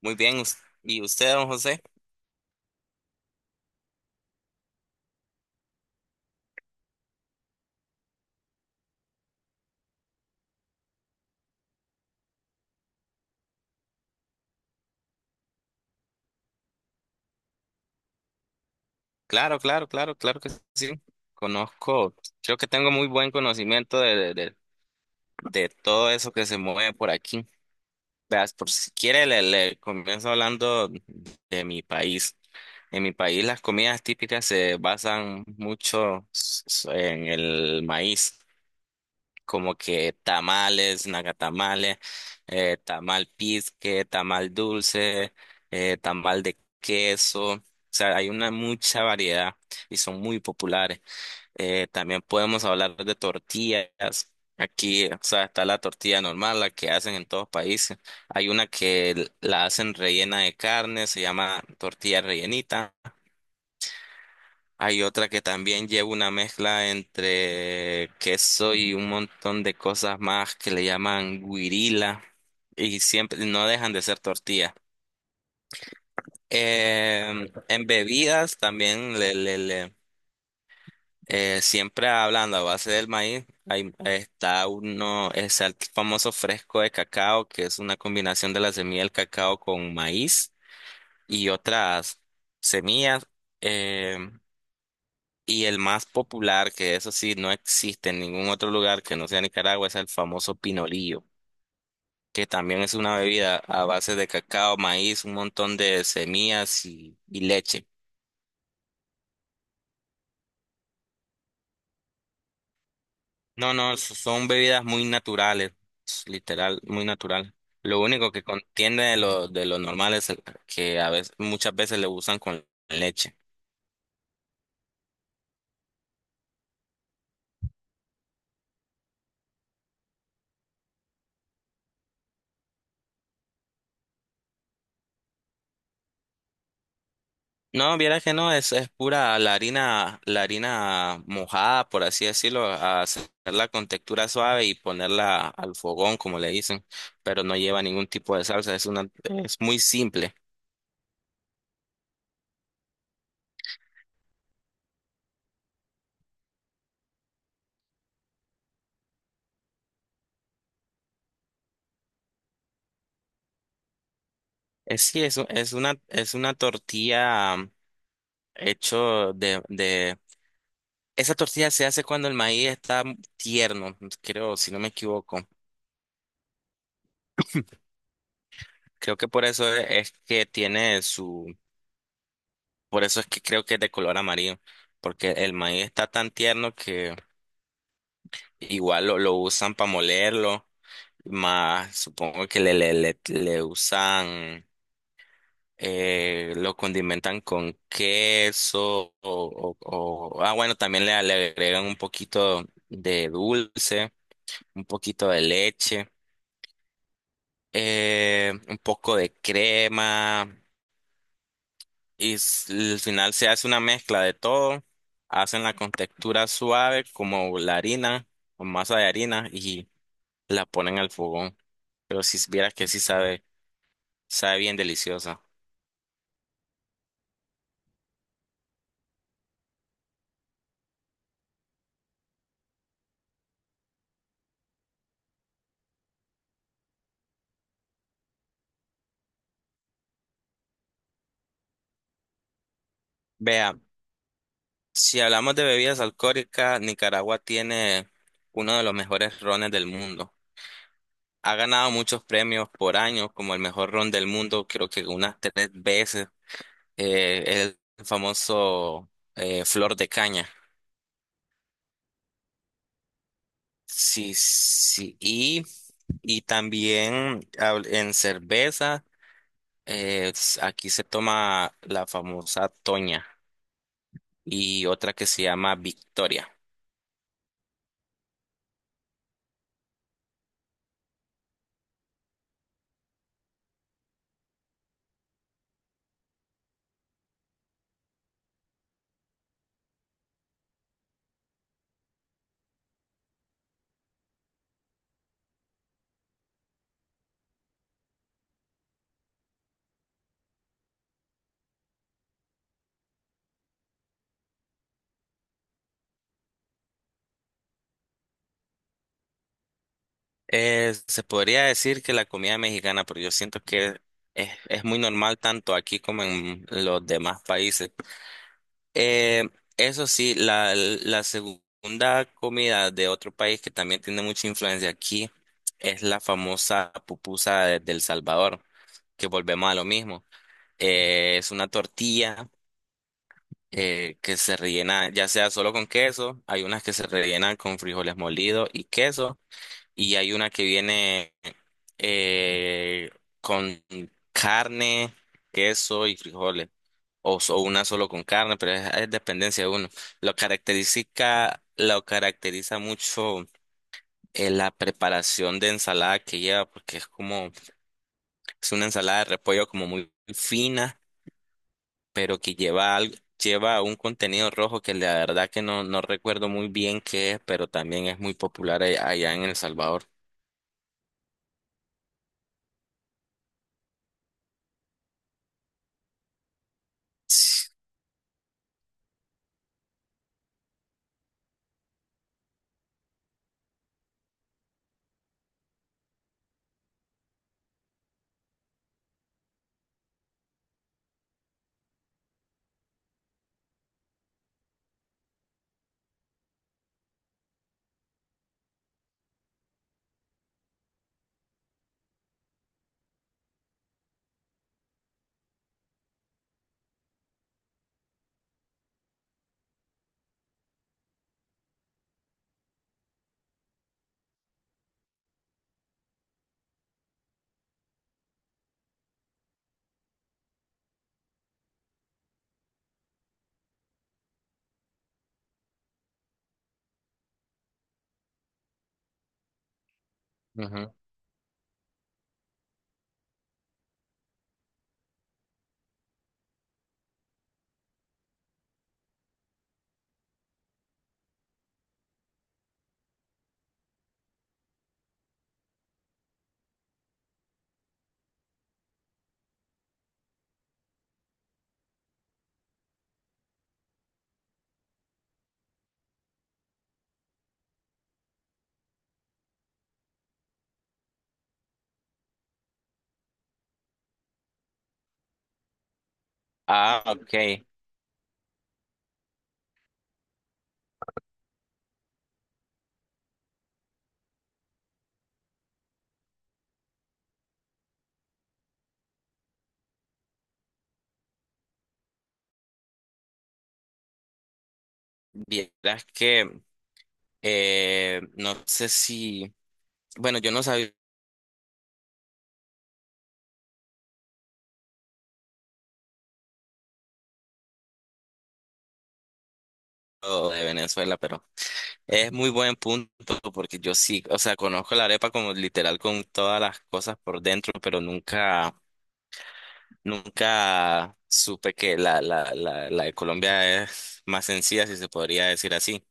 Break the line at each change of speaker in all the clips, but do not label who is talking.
Muy bien, ¿y usted, don José? Claro, claro, claro, claro que sí. Conozco, creo que tengo muy buen conocimiento de todo eso que se mueve por aquí. Veas, por si quiere, le comienzo hablando de mi país. En mi país las comidas típicas se basan mucho en el maíz. Como que tamales, nagatamales, tamal pizque, tamal dulce, tamal de queso. O sea, hay una mucha variedad y son muy populares. También podemos hablar de tortillas. Aquí, o sea, está la tortilla normal, la que hacen en todos países. Hay una que la hacen rellena de carne, se llama tortilla rellenita. Hay otra que también lleva una mezcla entre queso y un montón de cosas más que le llaman guirila y siempre no dejan de ser tortilla. En bebidas también siempre hablando a base del maíz, está uno, es el famoso fresco de cacao, que es una combinación de la semilla del cacao con maíz y otras semillas. em, Y el más popular, que eso sí no existe en ningún otro lugar que no sea Nicaragua, es el famoso pinolillo, que también es una bebida a base de cacao, maíz, un montón de semillas y leche. No, no, son bebidas muy naturales, literal, muy natural. Lo único que contiene de lo normal es que a veces, muchas veces le usan con leche. No, viera que no, es pura la harina mojada, por así decirlo, a hacerla con textura suave y ponerla al fogón, como le dicen, pero no lleva ningún tipo de salsa, es muy simple. Es sí, es, u- es una tortilla hecho esa tortilla se hace cuando el maíz está tierno, creo, si no me equivoco. Creo que por eso es que tiene su, por eso es que creo que es de color amarillo, porque el maíz está tan tierno que igual lo usan para molerlo, más supongo que le usan, lo condimentan con queso ah, bueno, también le agregan un poquito de dulce, un poquito de leche, un poco de crema y al final se hace una mezcla de todo, hacen la con textura suave como la harina o masa de harina y la ponen al fogón. Pero si vieras que sí sabe, sabe bien deliciosa. Vea, si hablamos de bebidas alcohólicas, Nicaragua tiene uno de los mejores rones del mundo. Ha ganado muchos premios por año, como el mejor ron del mundo, creo que unas tres veces. El famoso Flor de Caña. Sí, sí. Y también en cerveza, aquí se toma la famosa Toña y otra que se llama Victoria. Se podría decir que la comida mexicana, pero yo siento que es muy normal tanto aquí como en los demás países. Eh, Eso sí, la segunda comida de otro país que también tiene mucha influencia aquí es la famosa pupusa del Salvador, que volvemos a lo mismo. Es una tortilla que se rellena ya sea solo con queso, hay unas que se rellenan con frijoles molidos y queso y hay una que viene eh, con carne, queso y frijoles, una solo con carne, pero es dependencia de uno. Lo caracteriza mucho la preparación de ensalada que lleva, porque es como, es una ensalada de repollo como muy fina, pero que lleva algo. Lleva un contenido rojo que la verdad que no, no recuerdo muy bien qué es, pero también es muy popular allá en El Salvador. Ujú. Ah, ok. Vieras que no sé si, bueno, yo no sabía lo de Venezuela, pero es muy buen punto porque yo sí, o sea, conozco la arepa como literal con todas las cosas por dentro, pero nunca, nunca supe que la de Colombia es más sencilla, si se podría decir así.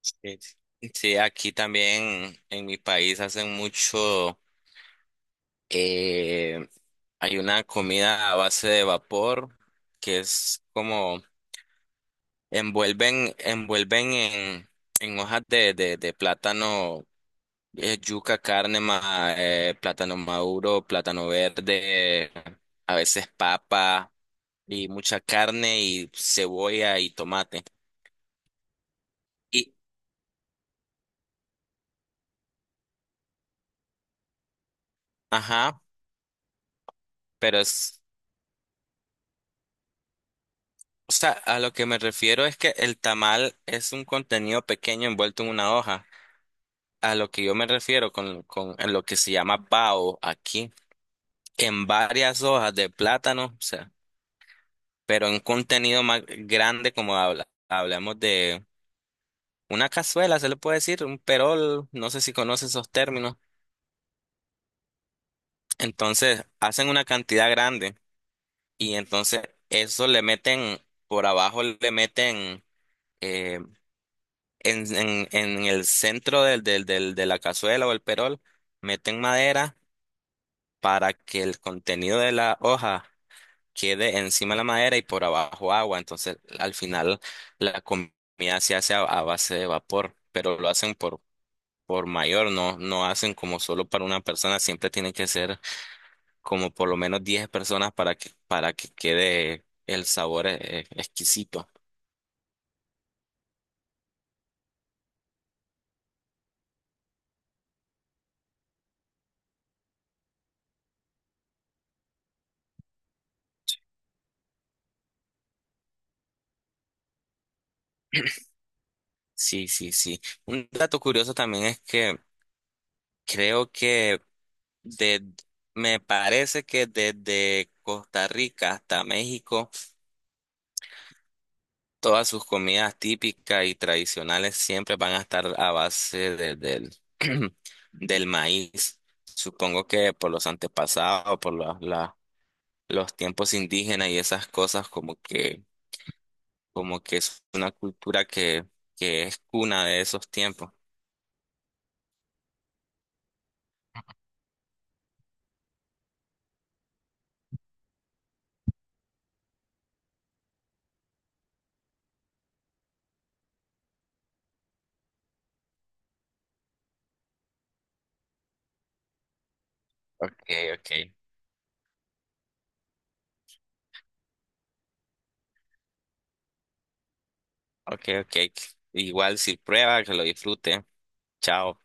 Sí, sí, aquí también en mi país hacen mucho. Eh, Hay una comida a base de vapor que es como envuelven en hojas de plátano, yuca, carne, plátano maduro, plátano verde, a veces papa y mucha carne y cebolla y tomate. Y, ajá, pero es, o sea, a lo que me refiero es que el tamal es un contenido pequeño envuelto en una hoja. A lo que yo me refiero con en lo que se llama PAO aquí, en varias hojas de plátano, o sea, pero en contenido más grande como hablamos de una cazuela, se le puede decir, un perol, no sé si conoce esos términos. Entonces, hacen una cantidad grande y entonces eso le meten, por abajo le meten eh, en el centro de la cazuela o el perol, meten madera para que el contenido de la hoja quede encima de la madera y por abajo agua. Entonces, al final, la comida se hace a base de vapor, pero lo hacen por mayor, no, no hacen como solo para una persona, siempre tiene que ser como por lo menos 10 personas para que quede el sabor exquisito. Sí, sí, sí. Un dato curioso también es que creo que de, me parece que desde Costa Rica hasta México, todas sus comidas típicas y tradicionales siempre van a estar a del maíz. Supongo que por los antepasados, por los tiempos indígenas y esas cosas, como que es una cultura que es cuna de esos tiempos. Ok, ok, ok, ok. Igual si prueba, que lo disfrute. Chao.